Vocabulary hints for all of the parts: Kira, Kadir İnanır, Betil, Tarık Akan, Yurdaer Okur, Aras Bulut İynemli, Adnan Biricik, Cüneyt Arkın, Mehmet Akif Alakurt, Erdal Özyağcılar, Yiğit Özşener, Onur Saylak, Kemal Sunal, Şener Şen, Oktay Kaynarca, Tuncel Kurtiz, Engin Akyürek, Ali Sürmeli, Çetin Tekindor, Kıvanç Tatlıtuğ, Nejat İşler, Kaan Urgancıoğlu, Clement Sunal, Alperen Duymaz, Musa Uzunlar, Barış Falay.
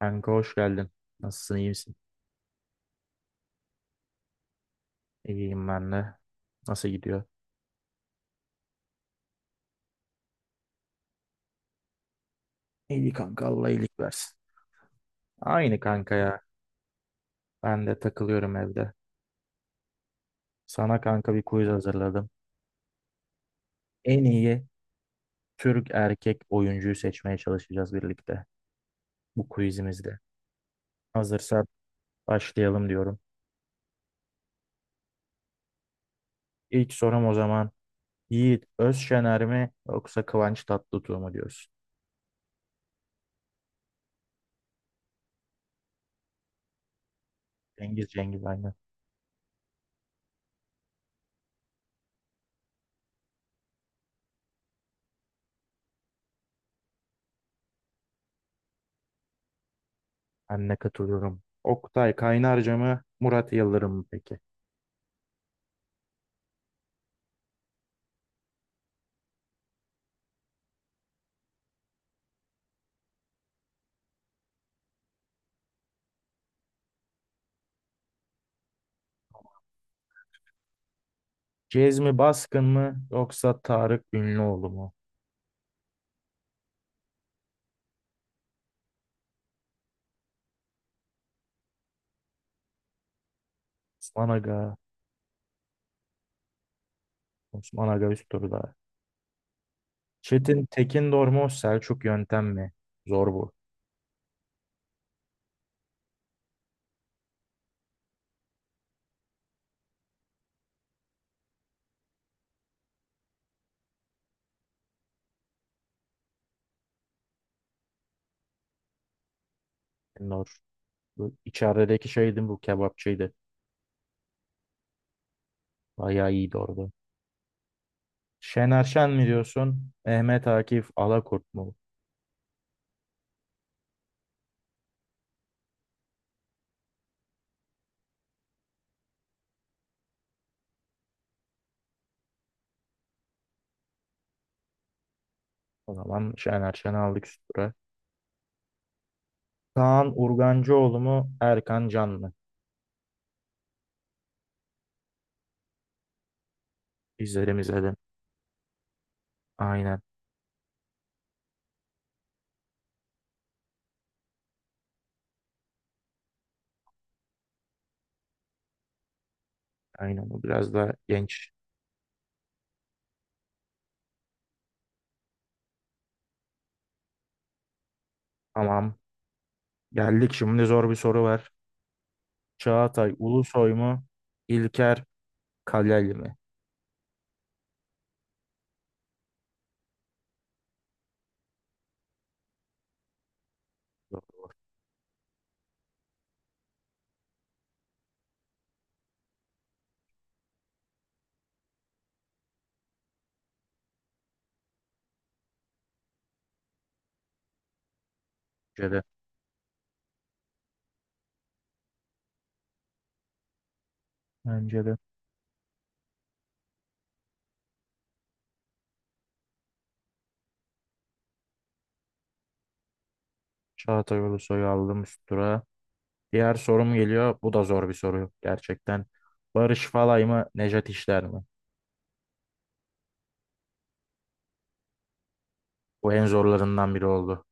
Kanka hoş geldin. Nasılsın, iyi misin? İyiyim ben de. Nasıl gidiyor? İyi kanka, Allah iyilik versin. Aynı kanka ya. Ben de takılıyorum evde. Sana kanka bir quiz hazırladım. En iyi Türk erkek oyuncuyu seçmeye çalışacağız birlikte bu quizimizde. Hazırsan başlayalım diyorum. İlk sorum o zaman Yiğit Özşener mi yoksa Kıvanç Tatlıtuğ mu diyorsun? Cengiz Cengiz aynı. Ben de katılıyorum. Oktay Kaynarca mı Murat Yıldırım mı peki? Cezmi Baskın mı yoksa Tarık Ünlüoğlu mu? Osman Aga, Osman Aga üst turda. Çetin Tekindor mu Selçuk Yöntem mi? Zor bu. Tekindor. Bu içerideki şeydi, bu kebapçıydı. Bayağı iyiydi orada. Şener Şen mi diyorsun? Mehmet Akif Alakurt mu? O zaman Şener Şen'i aldık üst tura. Kaan Urgancıoğlu mu Erkan Can mı? İzledim izledim. Aynen. Aynen. Bu biraz da genç. Tamam. Geldik şimdi, zor bir soru var. Çağatay Ulusoy mu? İlker Kaleli mi? Bence de. Bence de. Çağatay Ulusoy'u aldım üst tura. Diğer sorum geliyor. Bu da zor bir soru gerçekten. Barış Falay mı? Nejat İşler mi? Bu en zorlarından biri oldu.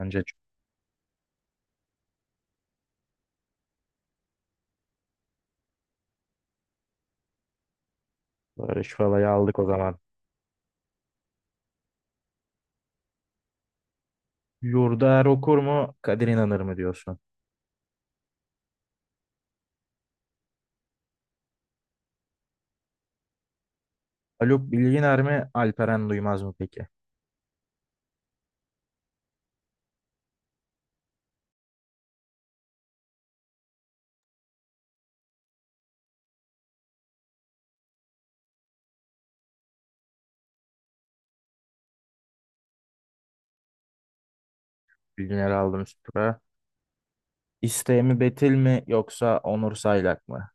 Bence çok- Barış Falay'ı aldık o zaman. Yurdaer Okur mu? Kadir İnanır mı diyorsun? Haluk Bilginer mi? Alperen Duymaz mı peki? Bilginer'i aldım üst tura. İsteği mi Betil mi yoksa Onur Saylak mı?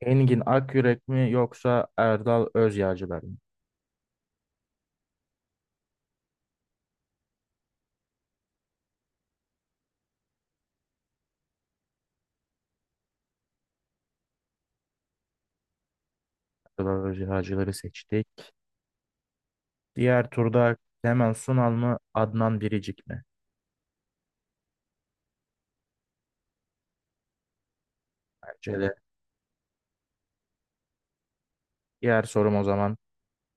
Engin Akyürek mi yoksa Erdal Özyağcılar mı? Erdal Özyağcıları seçtik. Diğer turda Clement Sunal mı Adnan Biricik mi? Bence de. Diğer sorum o zaman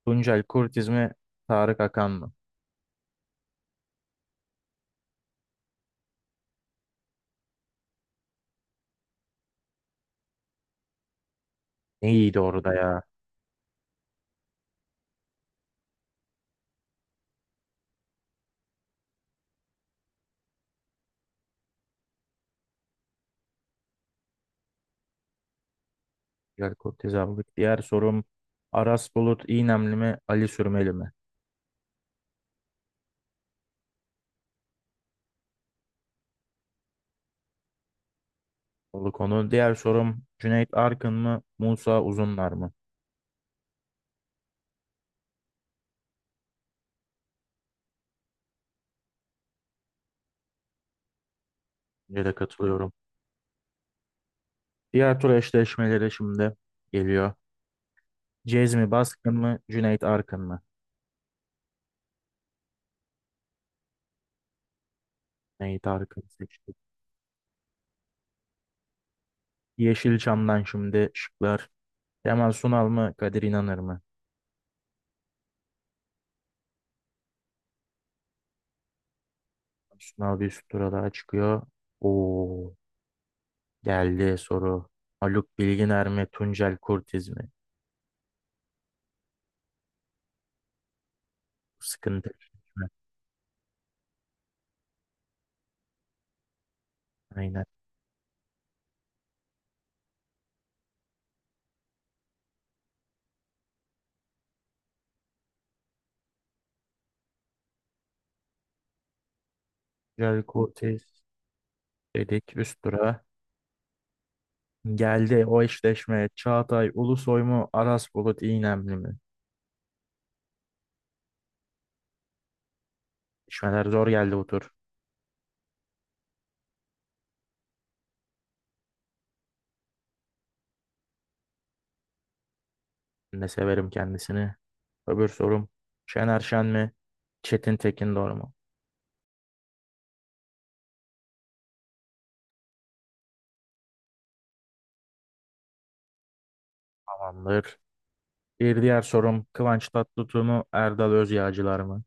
Tuncel Kurtiz mi Tarık Akan mı? Ne iyiydi orada ya. Tuncel Kurtiz aldık. Diğer sorum Aras Bulut İynemli mi Ali Sürmeli mi? Oldu konu. Diğer sorum Cüneyt Arkın mı Musa Uzunlar mı? Bence de katılıyorum. Diğer tur eşleşmeleri şimdi geliyor. Cezmi Baskın mı Cüneyt Arkın mı? Neyi Tarık'ın seçtik. Yeşilçam'dan şimdi şıklar. Kemal Sunal mı Kadir İnanır mı? Sunal bir üst tura daha çıkıyor. Oo, geldi soru. Haluk Bilginer mi Tuncel Kurtiz mi? Sıkıntı çekme. Aynen. Tuncel Kurtiz dedik üst tura. Geldi o eşleşme. Çağatay Ulusoy mu Aras Bulut İynemli mi? İşmeler zor geldi bu tur. Ben de severim kendisini. Öbür sorum. Şener Şen mi? Çetin Tekin doğru mu? Tamamdır. Bir diğer sorum Kıvanç Tatlıtuğ mu Erdal Özyağcılar mı?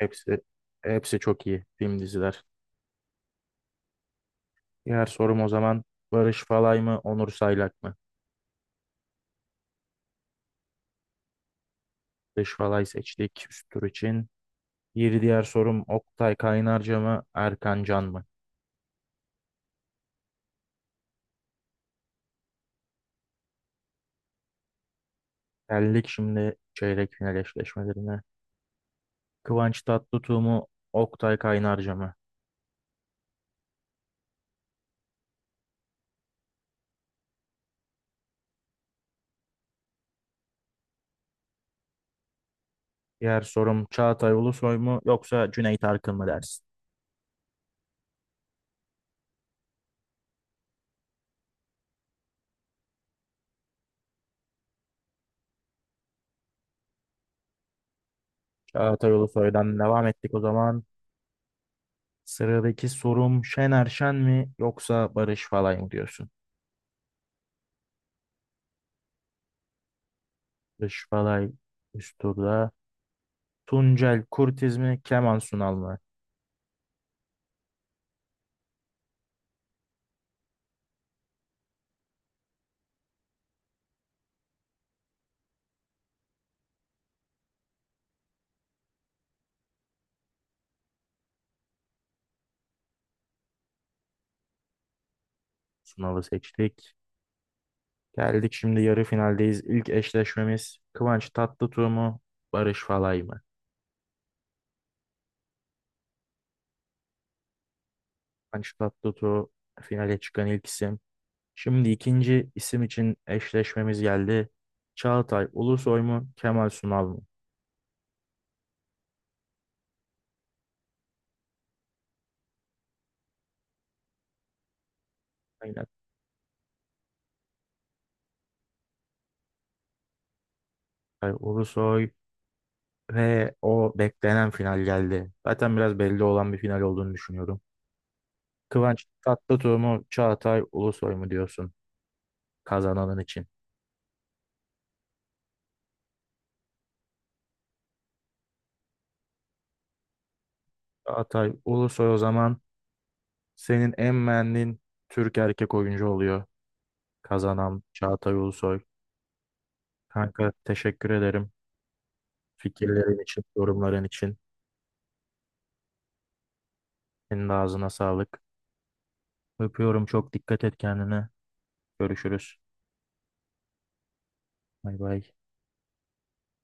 Hepsi hepsi çok iyi film diziler. Diğer sorum o zaman Barış Falay mı Onur Saylak mı? Barış Falay seçtik üst tur için. Bir diğer sorum Oktay Kaynarca mı Erkan Can mı? Geldik şimdi çeyrek final eşleşmelerine. Kıvanç Tatlıtuğ mu Oktay Kaynarca mı? Diğer sorum Çağatay Ulusoy mu yoksa Cüneyt Arkın mı dersin? Çağatay Ulusoy'dan devam ettik o zaman. Sıradaki sorum Şener Şen mi yoksa Barış Falay mı diyorsun? Barış Falay üst turda. Tuncel Kurtiz mi Kemal Sunal mı? Sunal'ı seçtik. Geldik şimdi, yarı finaldeyiz. İlk eşleşmemiz Kıvanç Tatlıtuğ mu Barış Falay mı? Kıvanç Tatlıtuğ finale çıkan ilk isim. Şimdi ikinci isim için eşleşmemiz geldi. Çağatay Ulusoy mu Kemal Sunal mı? Aynen. Çağatay Ulusoy. Ve o beklenen final geldi. Zaten biraz belli olan bir final olduğunu düşünüyorum. Kıvanç Tatlıtuğ mu Çağatay Ulusoy mu diyorsun kazananın için? Çağatay Ulusoy o zaman senin en beğendiğin Türk erkek oyuncu oluyor. Kazanan Çağatay Ulusoy. Kanka teşekkür ederim fikirlerin için, yorumların için. Senin de ağzına sağlık. Öpüyorum, çok dikkat et kendine. Görüşürüz. Bay bay.